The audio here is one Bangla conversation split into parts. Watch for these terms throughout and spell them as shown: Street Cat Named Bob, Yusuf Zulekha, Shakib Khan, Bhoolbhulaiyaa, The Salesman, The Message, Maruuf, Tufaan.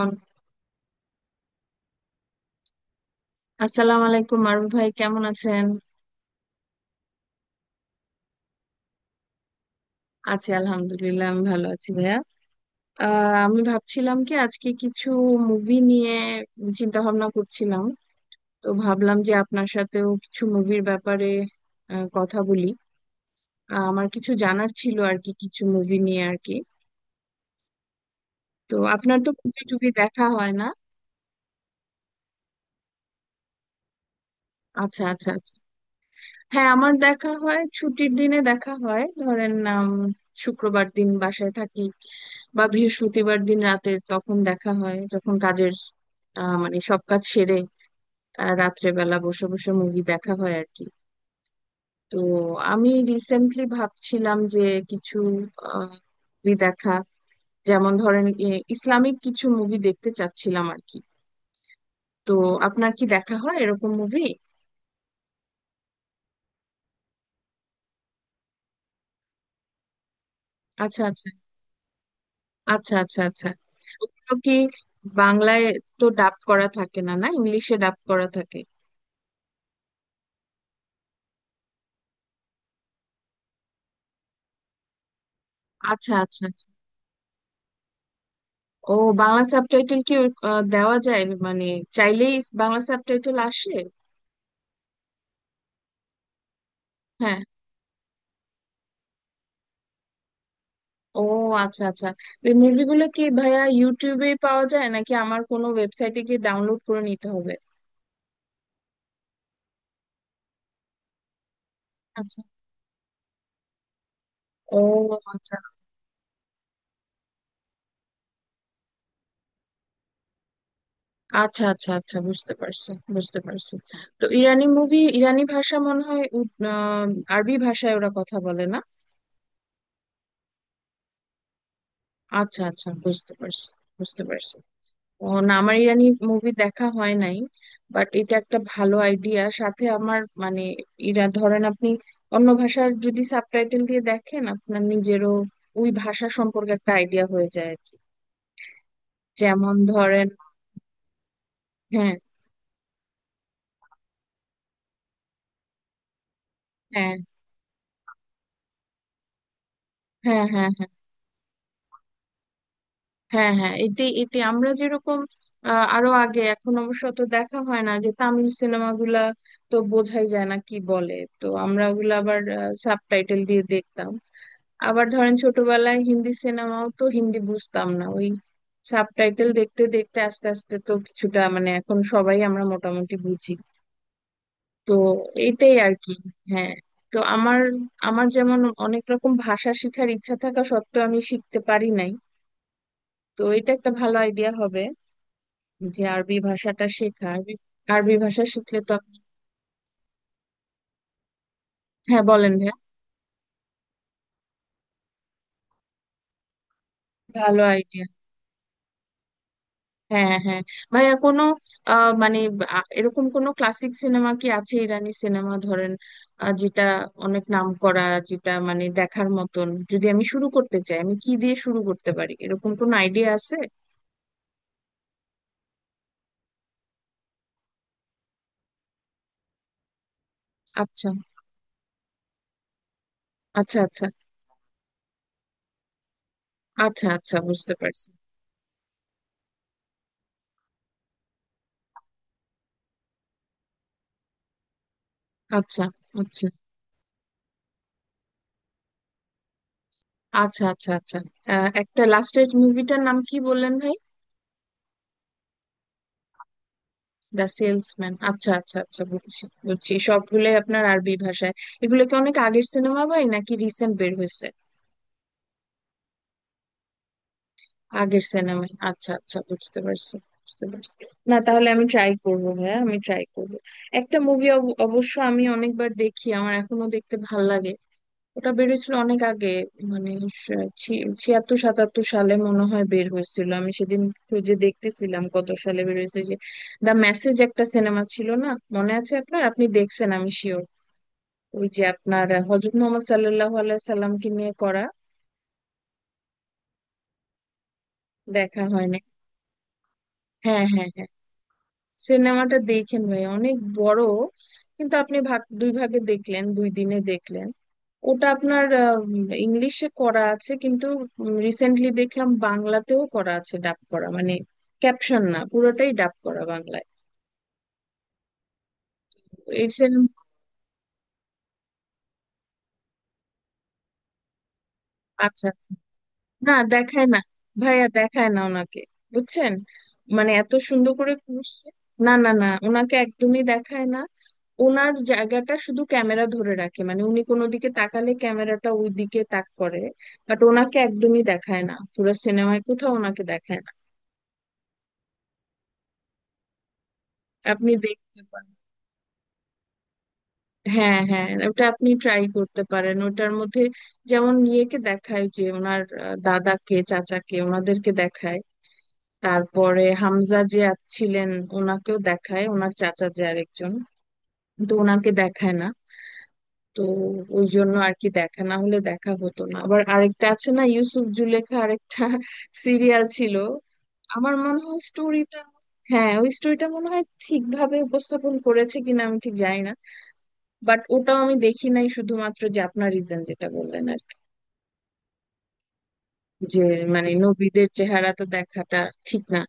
অন- আসসালামু আলাইকুম মারুফ ভাই, কেমন আছেন? আছি, আলহামদুলিল্লাহ। আমি ভালো আছি ভাইয়া। আমি ভাবছিলাম কি আজকে কিছু মুভি নিয়ে চিন্তা ভাবনা করছিলাম। তো ভাবলাম যে আপনার সাথেও কিছু মুভির ব্যাপারে কথা বলি। আমার কিছু জানার ছিল আর কি, কিছু মুভি নিয়ে আর কি। তো আপনার তো মুভি টুভি দেখা হয় না? আচ্ছা, আচ্ছা, আচ্ছা। হ্যাঁ আমার দেখা হয় ছুটির দিনে, দেখা হয় ধরেন শুক্রবার দিন বাসায় থাকি, বা বৃহস্পতিবার দিন রাতে, তখন দেখা হয় যখন কাজের মানে সব কাজ সেরে রাত্রেবেলা বসে বসে মুভি দেখা হয় আর কি। তো আমি রিসেন্টলি ভাবছিলাম যে কিছু মুভি দেখা, যেমন ধরেন ইসলামিক কিছু মুভি দেখতে চাচ্ছিলাম আর কি। তো আপনার কি দেখা হয় এরকম মুভি? আচ্ছা, আচ্ছা, আচ্ছা, আচ্ছা, আচ্ছা। ওগুলো কি বাংলায় তো ডাব করা থাকে না, না ইংলিশে ডাব করা থাকে? আচ্ছা, আচ্ছা, আচ্ছা। ও, বাংলা সাবটাইটেল কি দেওয়া যায়, মানে চাইলেই বাংলা সাবটাইটেল আসে? হ্যাঁ। ও, আচ্ছা, আচ্ছা। এই মুভিগুলো কি ভাইয়া ইউটিউবে পাওয়া যায় নাকি আমার কোনো ওয়েবসাইটে গিয়ে ডাউনলোড করে নিতে হবে? আচ্ছা। ও, আচ্ছা। আচ্ছা, আচ্ছা, আচ্ছা, বুঝতে পারছি, বুঝতে পারছি। তো ইরানি মুভি, ইরানি ভাষা মনে হয় আরবি ভাষায় ওরা কথা বলে না? আচ্ছা, আচ্ছা, বুঝতে পারছি, বুঝতে পারছি। ও না, আমার ইরানি মুভি দেখা হয় নাই। বাট এটা একটা ভালো আইডিয়া, সাথে আমার মানে ধরেন আপনি অন্য ভাষার যদি সাবটাইটেল দিয়ে দেখেন, আপনার নিজেরও ওই ভাষা সম্পর্কে একটা আইডিয়া হয়ে যায় আর কি। যেমন ধরেন, হ্যাঁ, হ্যাঁ, হ্যাঁ, হ্যাঁ, হ্যাঁ, হ্যাঁ, হ্যাঁ এটি এটি আমরা যেরকম আরো আগে, এখন অবশ্য তো দেখা হয় না, যে তামিল সিনেমাগুলা তো বোঝাই যায় না কি বলে, তো আমরা ওগুলো আবার সাবটাইটেল দিয়ে দেখতাম। আবার ধরেন ছোটবেলায় হিন্দি সিনেমাও, তো হিন্দি বুঝতাম না, ওই সাবটাইটেল দেখতে দেখতে আস্তে আস্তে তো কিছুটা, মানে এখন সবাই আমরা মোটামুটি বুঝি। তো এইটাই আর কি। হ্যাঁ। তো আমার, আমার যেমন অনেক রকম ভাষা শেখার ইচ্ছা থাকা সত্ত্বেও আমি শিখতে পারি নাই। তো এটা একটা ভালো আইডিয়া হবে যে আরবি ভাষাটা শেখা, আরবি, আরবি ভাষা শিখলে তো। হ্যাঁ বলেন ভাইয়া। ভালো আইডিয়া। হ্যাঁ, হ্যাঁ। ভাইয়া কোনো মানে এরকম কোনো ক্লাসিক সিনেমা কি আছে, ইরানি সিনেমা ধরেন যেটা অনেক নাম করা, যেটা মানে দেখার মতন, যদি আমি শুরু করতে চাই আমি কি দিয়ে শুরু করতে পারি, এরকম কোনো আইডিয়া আছে? আচ্ছা, আচ্ছা, আচ্ছা, আচ্ছা, আচ্ছা, বুঝতে পারছি। আচ্ছা, আচ্ছা, আচ্ছা, আচ্ছা, আচ্ছা। একটা লাস্টের মুভিটার নাম কি বললেন ভাই? দ্য সেলসম্যান, আচ্ছা, আচ্ছা, আচ্ছা, বুঝছি, বুঝছি। সবগুলোই আপনার আরবি ভাষায়। এগুলো কি অনেক আগের সিনেমা ভাই, নাকি রিসেন্ট বের হয়েছে? আগের সিনেমায়, আচ্ছা, আচ্ছা, বুঝতে পারছি, বুঝতে পারছি। না তাহলে আমি ট্রাই করবো ভাইয়া, আমি ট্রাই করবো। একটা মুভি অবশ্য আমি অনেকবার দেখি, আমার এখনো দেখতে ভাল লাগে। ওটা বেরিয়েছিল অনেক আগে, মানে 76-77 সালে মনে হয় বের হয়েছিল। আমি সেদিন খুঁজে দেখতেছিলাম কত সালে বের হয়েছে যে, দ্য মেসেজ একটা সিনেমা ছিল না? মনে আছে আপনার? আপনি দেখছেন আমি শিওর। ওই যে আপনার হজরত মোহাম্মদ সাল্লাল্লাহু আলাইহি সাল্লামকে নিয়ে করা। দেখা হয়নি? হ্যাঁ, হ্যাঁ, হ্যাঁ। সিনেমাটা দেখেন ভাই, অনেক বড় কিন্তু, আপনি ভাগ দুই ভাগে দেখলেন, দুই দিনে দেখলেন। ওটা আপনার ইংলিশে করা আছে কিন্তু রিসেন্টলি দেখলাম বাংলাতেও করা আছে, ডাব করা, মানে ক্যাপশন না, পুরোটাই ডাব করা বাংলায়। এই সিনেমা আচ্ছা, আচ্ছা। না দেখায় না ভাইয়া, দেখায় না ওনাকে, বুঝছেন? মানে এত সুন্দর করে করছে, না না না, ওনাকে একদমই দেখায় না। ওনার জায়গাটা শুধু ক্যামেরা ধরে রাখে, মানে উনি কোনো দিকে তাকালে ক্যামেরাটা ওই দিকে তাক করে, বাট ওনাকে একদমই দেখায় না, পুরো সিনেমায় কোথাও ওনাকে দেখায় না। আপনি দেখতে পারেন। হ্যাঁ, হ্যাঁ ওটা আপনি ট্রাই করতে পারেন। ওটার মধ্যে যেমন ইয়েকে দেখায় যে ওনার দাদাকে, চাচাকে, ওনাদেরকে দেখায়। তারপরে হামজা যে ছিলেন, ওনাকেও দেখায়, ওনার চাচা যে আরেকজন, কিন্তু ওনাকে দেখায় না। তো ওই জন্য আর কি, দেখা না হলে দেখা হতো না। আবার আরেকটা আছে না, ইউসুফ জুলেখা আরেকটা সিরিয়াল ছিল। আমার মনে হয় স্টোরিটা, হ্যাঁ ওই স্টোরিটা মনে হয় ঠিকভাবে উপস্থাপন করেছে কিনা আমি ঠিক জানি না। বাট ওটাও আমি দেখি নাই, শুধুমাত্র যে আপনার রিজন যেটা বললেন আর কি, যে মানে নবীদের চেহারা তো দেখাটা ঠিক না।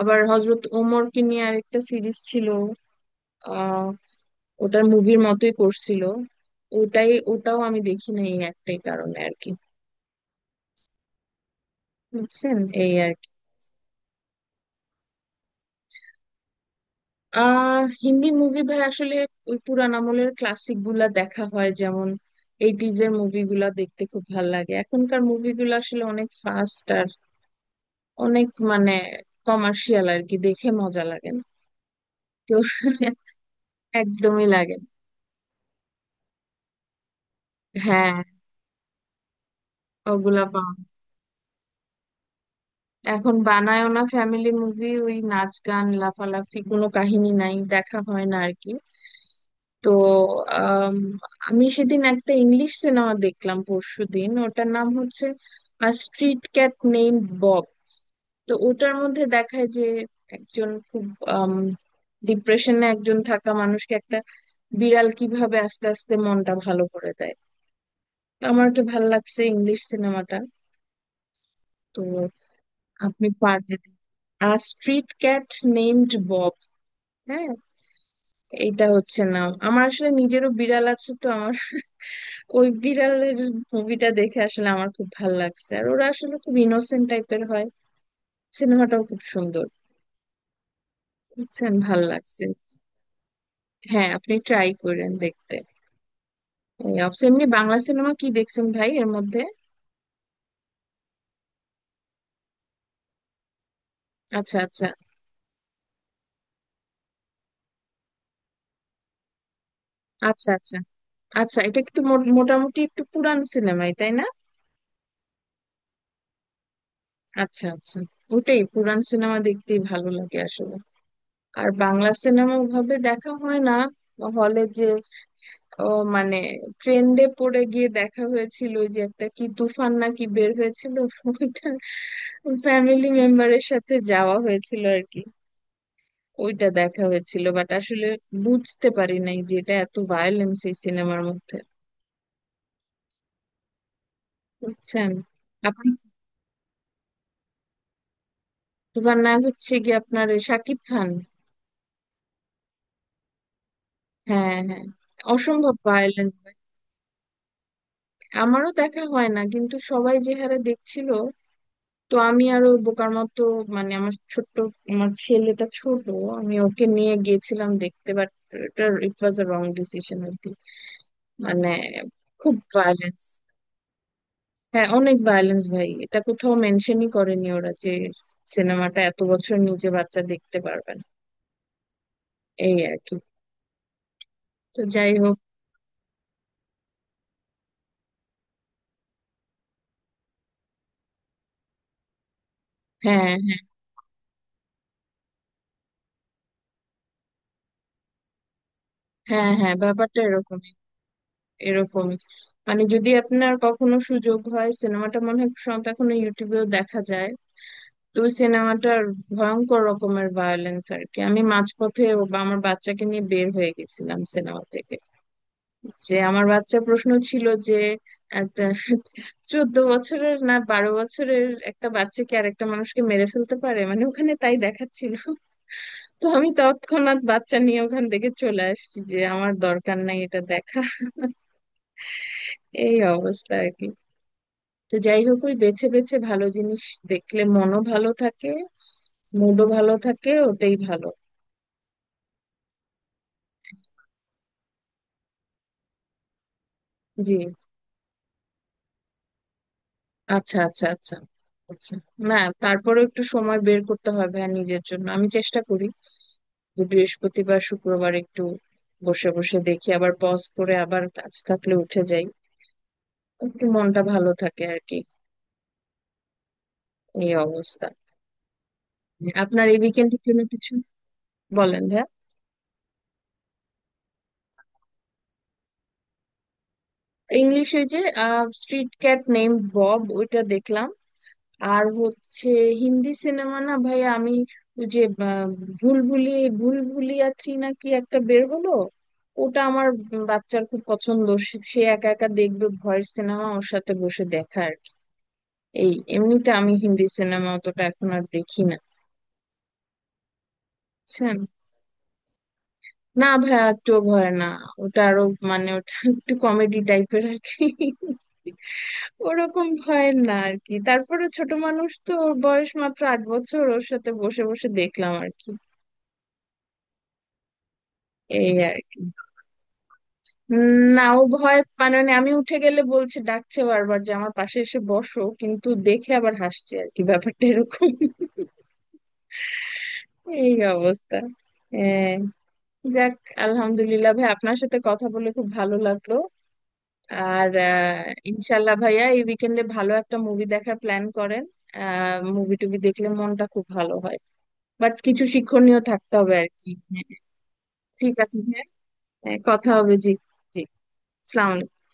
আবার হজরত ওমরকে নিয়ে আরেকটা সিরিজ ছিল, আহ ওটার মুভির মতোই করছিল, ওটাই, ওটাও আমি দেখি না এই একটাই কারণে আর কি, বুঝছেন। এই আর কি। হিন্দি মুভি ভাই আসলে ওই পুরান আমলের ক্লাসিক গুলা দেখা হয়, যেমন এইটিজ এর মুভিগুলা দেখতে খুব ভাল লাগে। এখনকার মুভিগুলো আসলে অনেক ফাস্ট আর অনেক মানে কমার্শিয়াল আর কি, দেখে মজা লাগে না। তো একদমই লাগে না। হ্যাঁ ওগুলা পাওয়া, এখন বানায়ও না ফ্যামিলি মুভি, ওই নাচ গান লাফালাফি কোনো কাহিনী নাই, দেখা হয় না আর কি। তো আম, আমি সেদিন একটা ইংলিশ সিনেমা দেখলাম পরশুদিন, ওটার নাম হচ্ছে স্ট্রিট ক্যাট নেম বব। তো ওটার মধ্যে দেখায় যে একজন খুব ডিপ্রেশনে একজন থাকা মানুষকে একটা বিড়াল কিভাবে আস্তে আস্তে মনটা ভালো করে দেয়। তো আমার একটু ভালো লাগছে ইংলিশ সিনেমাটা। তো আপনি পারবেন, আর স্ট্রিট ক্যাট নেমড বব। হ্যাঁ, এইটা হচ্ছে না, আমার আসলে নিজেরও বিড়াল আছে, তো আমার ওই বিড়ালের মুভিটা দেখে আসলে আমার খুব ভাল লাগছে। আর ওরা আসলে খুব ইনোসেন্ট টাইপের হয়, সিনেমাটাও খুব সুন্দর, বুঝছেন, ভাল লাগছে। হ্যাঁ আপনি ট্রাই করেন দেখতে। এই অবশ্য এমনি বাংলা সিনেমা কি দেখছেন ভাই এর মধ্যে? আচ্ছা, আচ্ছা, আচ্ছা, আচ্ছা, আচ্ছা। এটা একটু মোটামুটি একটু পুরান সিনেমাই তাই না? আচ্ছা, আচ্ছা। ওটাই, পুরান সিনেমা দেখতেই ভালো লাগে আসলে। আর বাংলা সিনেমা ওভাবে দেখা হয় না, হলে যে ও মানে ট্রেন্ডে পড়ে গিয়ে দেখা হয়েছিল, ওই যে একটা কি তুফান নাকি বের হয়েছিল, ওইটা ফ্যামিলি মেম্বারের সাথে যাওয়া হয়েছিল আর কি, ওইটা দেখা হয়েছিল। বাট আসলে বুঝতে পারি নাই যে এটা এত ভায়োলেন্স এই সিনেমার মধ্যে, বুঝছেন। আপনি, তুফান নায়ক হচ্ছে কি আপনার ওই শাকিব খান। হ্যাঁ, হ্যাঁ। অসম্ভব ভায়োলেন্স, আমারও দেখা হয় না কিন্তু সবাই যে হারে দেখছিল, তো আমি আরো বোকার মতো, মানে আমার ছোট্ট, আমার ছেলেটা ছোট, আমি ওকে নিয়ে গিয়েছিলাম দেখতে, বাট এটা ইট ওয়াজ আ রং ডিসিশন আর কি, মানে খুব ভায়োলেন্স। হ্যাঁ অনেক ভায়োলেন্স ভাই, এটা কোথাও মেনশনই করেনি ওরা যে সিনেমাটা এত বছর নিচে বাচ্চা দেখতে পারবে না, এই আর কি। তো যাই হোক। হ্যাঁ, হ্যাঁ, হ্যাঁ, ব্যাপারটা এরকমই, এরকমই। মানে যদি আপনার কখনো সুযোগ হয়, সিনেমাটা মনে হয় সম্ভবত এখনো ইউটিউবেও দেখা যায়, দুই সিনেমাটার ভয়ঙ্কর রকমের ভায়োলেন্স আর কি। আমি মাঝপথে ও বা আমার বাচ্চাকে নিয়ে বের হয়ে গেছিলাম সিনেমা থেকে, যে আমার বাচ্চা প্রশ্ন ছিল যে একটা 14 বছরের, না 12 বছরের একটা বাচ্চাকে আর একটা মানুষকে মেরে ফেলতে পারে, মানে ওখানে তাই দেখাচ্ছিল। তো আমি তৎক্ষণাৎ বাচ্চা নিয়ে ওখান থেকে চলে আসছি, যে আমার দরকার নাই এটা দেখা। এই অবস্থা আর কি। তো যাই হোক, ওই বেছে বেছে ভালো জিনিস দেখলে মনও ভালো থাকে, মুডও ভালো থাকে, ওটাই ভালো। জি। আচ্ছা, আচ্ছা, আচ্ছা, আচ্ছা। না তারপরেও একটু সময় বের করতে হবে আর নিজের জন্য, আমি চেষ্টা করি যে বৃহস্পতিবার শুক্রবার একটু বসে বসে দেখি, আবার পজ করে আবার কাজ থাকলে উঠে যাই, একটু মনটা ভালো থাকে আর কি। এই অবস্থা। আপনার এই উইকেন্ডের জন্য কিছু? বলেন ভাইয়া। ইংলিশে যে স্ট্রিট ক্যাট নেম বব, ওইটা দেখলাম। আর হচ্ছে হিন্দি সিনেমা, না ভাই আমি ওই যে আহ, ভুলভুলি ভুলভুলিয়া 3 না কি একটা বের হলো, ওটা আমার বাচ্চার খুব পছন্দ, সে সে একা একা দেখবে ভয়ের সিনেমা, ওর সাথে বসে দেখা আর কি। এই এমনিতে আমি হিন্দি সিনেমা অতটা এখন আর দেখি না, বুঝছেন। না ভাই একটু ভয় না, ওটা আরো মানে ওটা একটু কমেডি টাইপের আর কি, ওরকম ভয়ের না আর কি। তারপরে ছোট মানুষ তো, ওর বয়স মাত্র 8 বছর, ওর সাথে বসে বসে দেখলাম আর কি। এই আর কি। না ও ভয় পায়, মানে আমি উঠে গেলে বলছে, ডাকছে বারবার যে আমার পাশে এসে বসো, কিন্তু দেখে আবার হাসছে আর কি, ব্যাপারটা এরকম। এই অবস্থা। হ্যাঁ। যাক, আলহামদুলিল্লাহ ভাই, আপনার সাথে কথা বলে খুব ভালো লাগলো। আর ইনশাল্লাহ ভাইয়া এই উইকেন্ডে ভালো একটা মুভি দেখার প্ল্যান করেন। মুভি টুভি দেখলে মনটা খুব ভালো হয়, বাট কিছু শিক্ষণীয় থাকতে হবে আর কি। হ্যাঁ। ঠিক আছে, হ্যাঁ, হ্যাঁ, কথা হবে, জি। জি। সালাম।